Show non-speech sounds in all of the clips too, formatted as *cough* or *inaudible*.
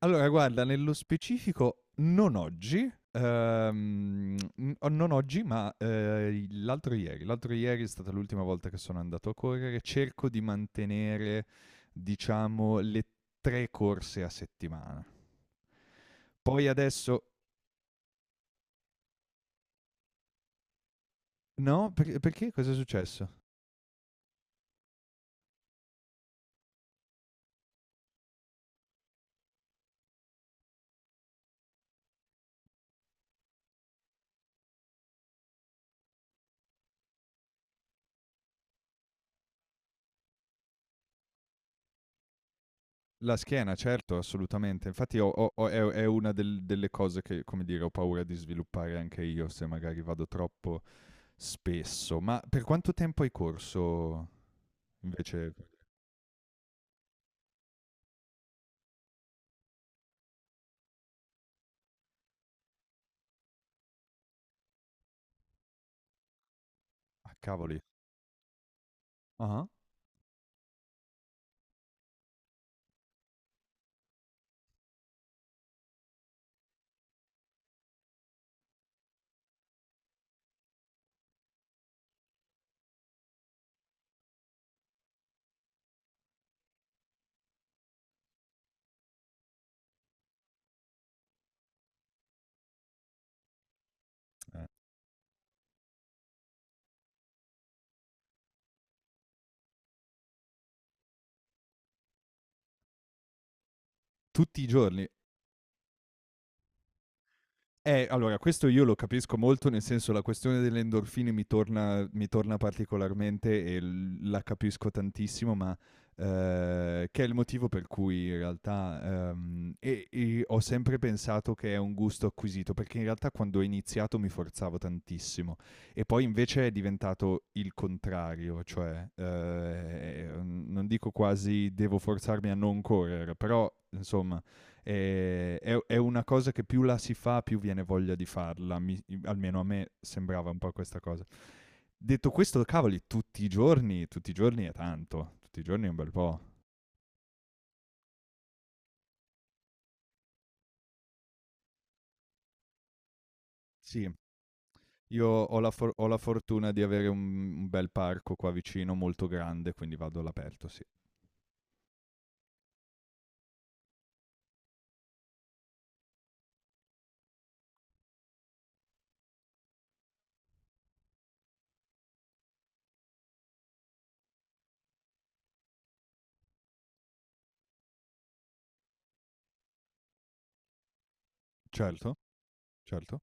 Allora guarda, nello specifico non oggi, n non oggi, ma, l'altro ieri. L'altro ieri è stata l'ultima volta che sono andato a correre. Cerco di mantenere, diciamo, le 3 corse a settimana. Poi adesso no, perché? Cos'è successo? La schiena, certo, assolutamente. Infatti ho ho ho è una delle cose che, come dire, ho paura di sviluppare anche io se magari vado troppo spesso. Ma per quanto tempo hai corso invece? Ah, cavoli. Ah-ah. Tutti i giorni? Allora, questo io lo capisco molto, nel senso la questione delle endorfine mi torna particolarmente e la capisco tantissimo, ma che è il motivo per cui in realtà e ho sempre pensato che è un gusto acquisito, perché in realtà quando ho iniziato mi forzavo tantissimo e poi invece è diventato il contrario, cioè non dico quasi devo forzarmi a non correre, però insomma è una cosa che più la si fa, più viene voglia di farla. Almeno a me sembrava un po' questa cosa. Detto questo, cavoli, tutti i giorni è tanto, tutti i giorni è un bel po'. Sì, io ho ho la fortuna di avere un bel parco qua vicino, molto grande, quindi vado all'aperto, sì. Certo, certo,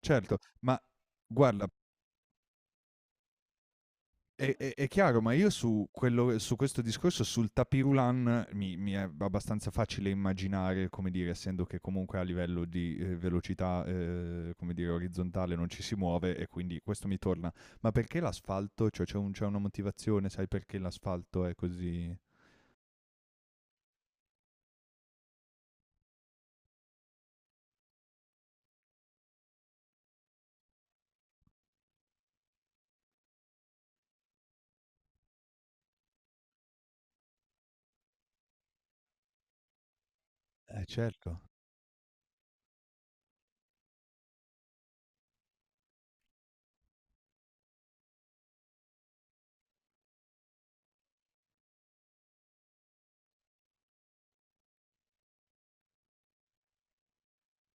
certo, ma guarda, è chiaro, ma io su, quello, su questo discorso, sul tapirulan, mi è abbastanza facile immaginare, come dire, essendo che comunque a livello di velocità, come dire, orizzontale non ci si muove e quindi questo mi torna. Ma perché l'asfalto? Cioè c'è una motivazione, sai perché l'asfalto è così? Eh certo.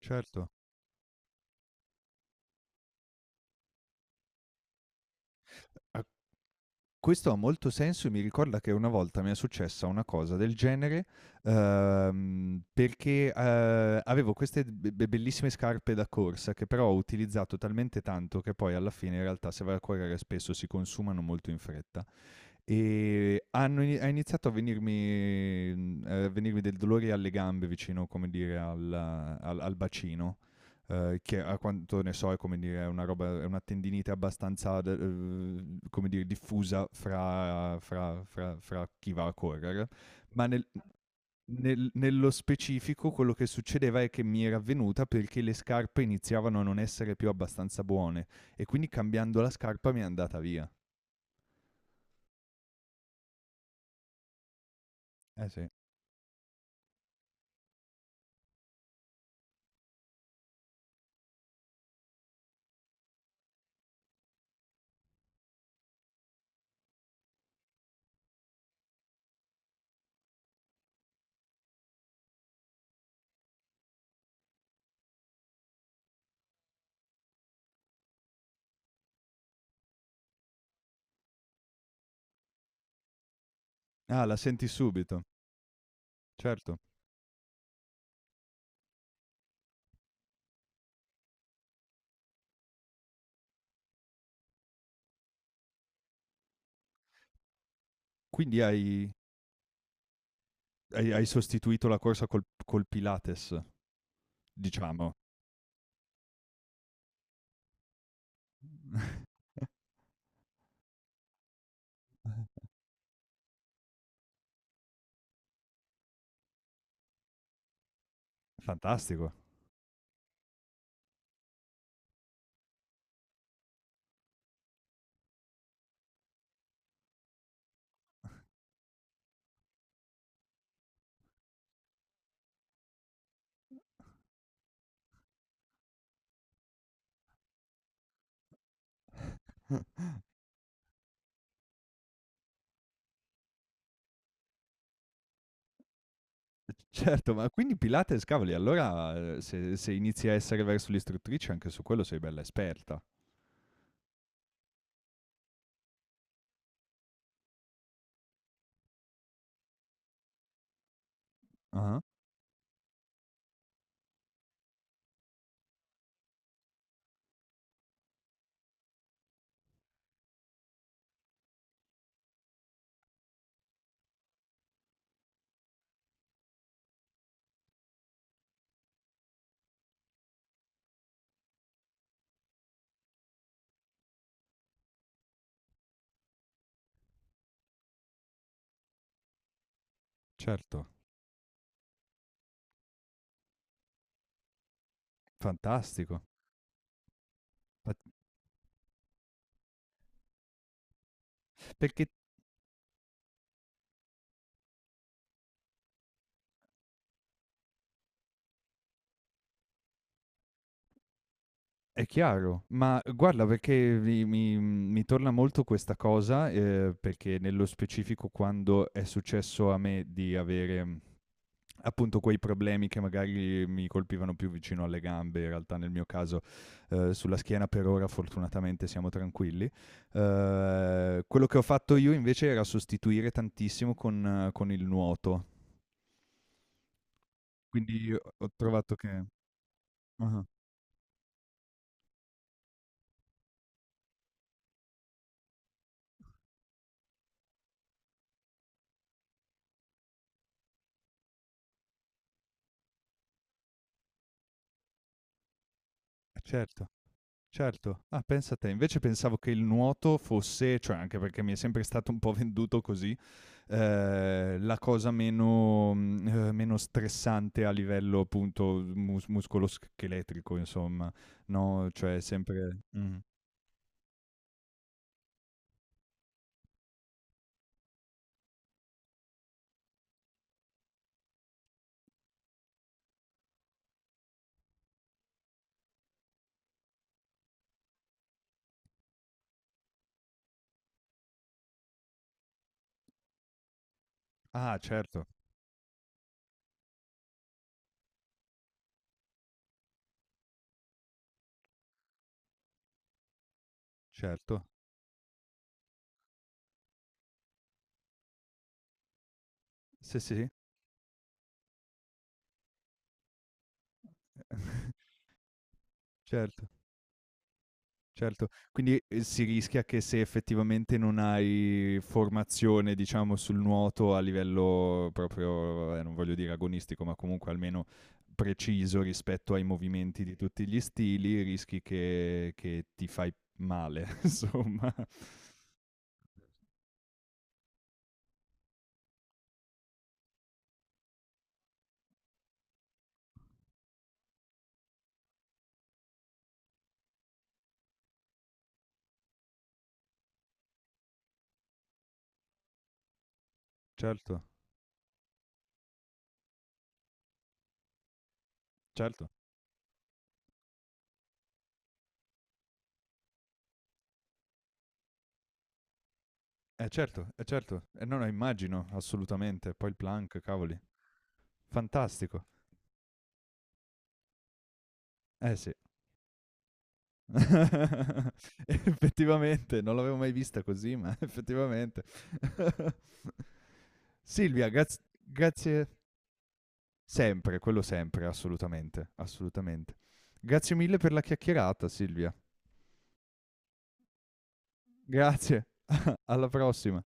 Certo. A- Questo ha molto senso e mi ricorda che una volta mi è successa una cosa del genere, perché, avevo queste be be bellissime scarpe da corsa che però ho utilizzato talmente tanto che poi alla fine in realtà se vai a correre spesso si consumano molto in fretta. E ha iniziato a venirmi, a venirmi del dolore alle gambe vicino, come dire, al bacino, che a quanto ne so è come dire è una roba è una tendinite abbastanza de come dire, diffusa fra chi va a correre, ma nello specifico quello che succedeva è che mi era avvenuta perché le scarpe iniziavano a non essere più abbastanza buone e quindi cambiando la scarpa mi è andata via. Eh sì. Ah, la senti subito. Certo. Quindi hai sostituito la corsa col Pilates, diciamo. *laughs* Fantastico. Certo, ma quindi Pilates, cavoli, allora, se inizi a essere verso l'istruttrice anche su quello sei bella esperta. Ah-ah, certo. Fantastico. Ma perché è chiaro, ma guarda perché mi torna molto questa cosa, perché nello specifico quando è successo a me di avere appunto quei problemi che magari mi colpivano più vicino alle gambe, in realtà nel mio caso sulla schiena per ora fortunatamente siamo tranquilli. Quello che ho fatto io invece era sostituire tantissimo con il nuoto, quindi ho trovato che... Ah, certo. Certo, ah pensa te, invece pensavo che il nuoto fosse, cioè anche perché mi è sempre stato un po' *laughs* venduto così la cosa meno, meno stressante a livello appunto muscoloscheletrico, insomma, no? Cioè sempre.... Ah certo, certo. Sì, sì. *laughs* Certo. Certo, quindi, si rischia che se effettivamente non hai formazione, diciamo, sul nuoto a livello proprio, vabbè, non voglio dire agonistico, ma comunque almeno preciso rispetto ai movimenti di tutti gli stili, rischi che ti fai male, *laughs* insomma. Certo, certo. Eh certo, eh certo. Eh no, no, immagino, assolutamente. Poi il plank, cavoli, fantastico. Eh sì. *laughs* Effettivamente, non l'avevo mai vista così, ma *laughs* effettivamente. *laughs* Silvia, grazie sempre, quello sempre, assolutamente, assolutamente. Grazie mille per la chiacchierata, Silvia. Grazie, alla prossima.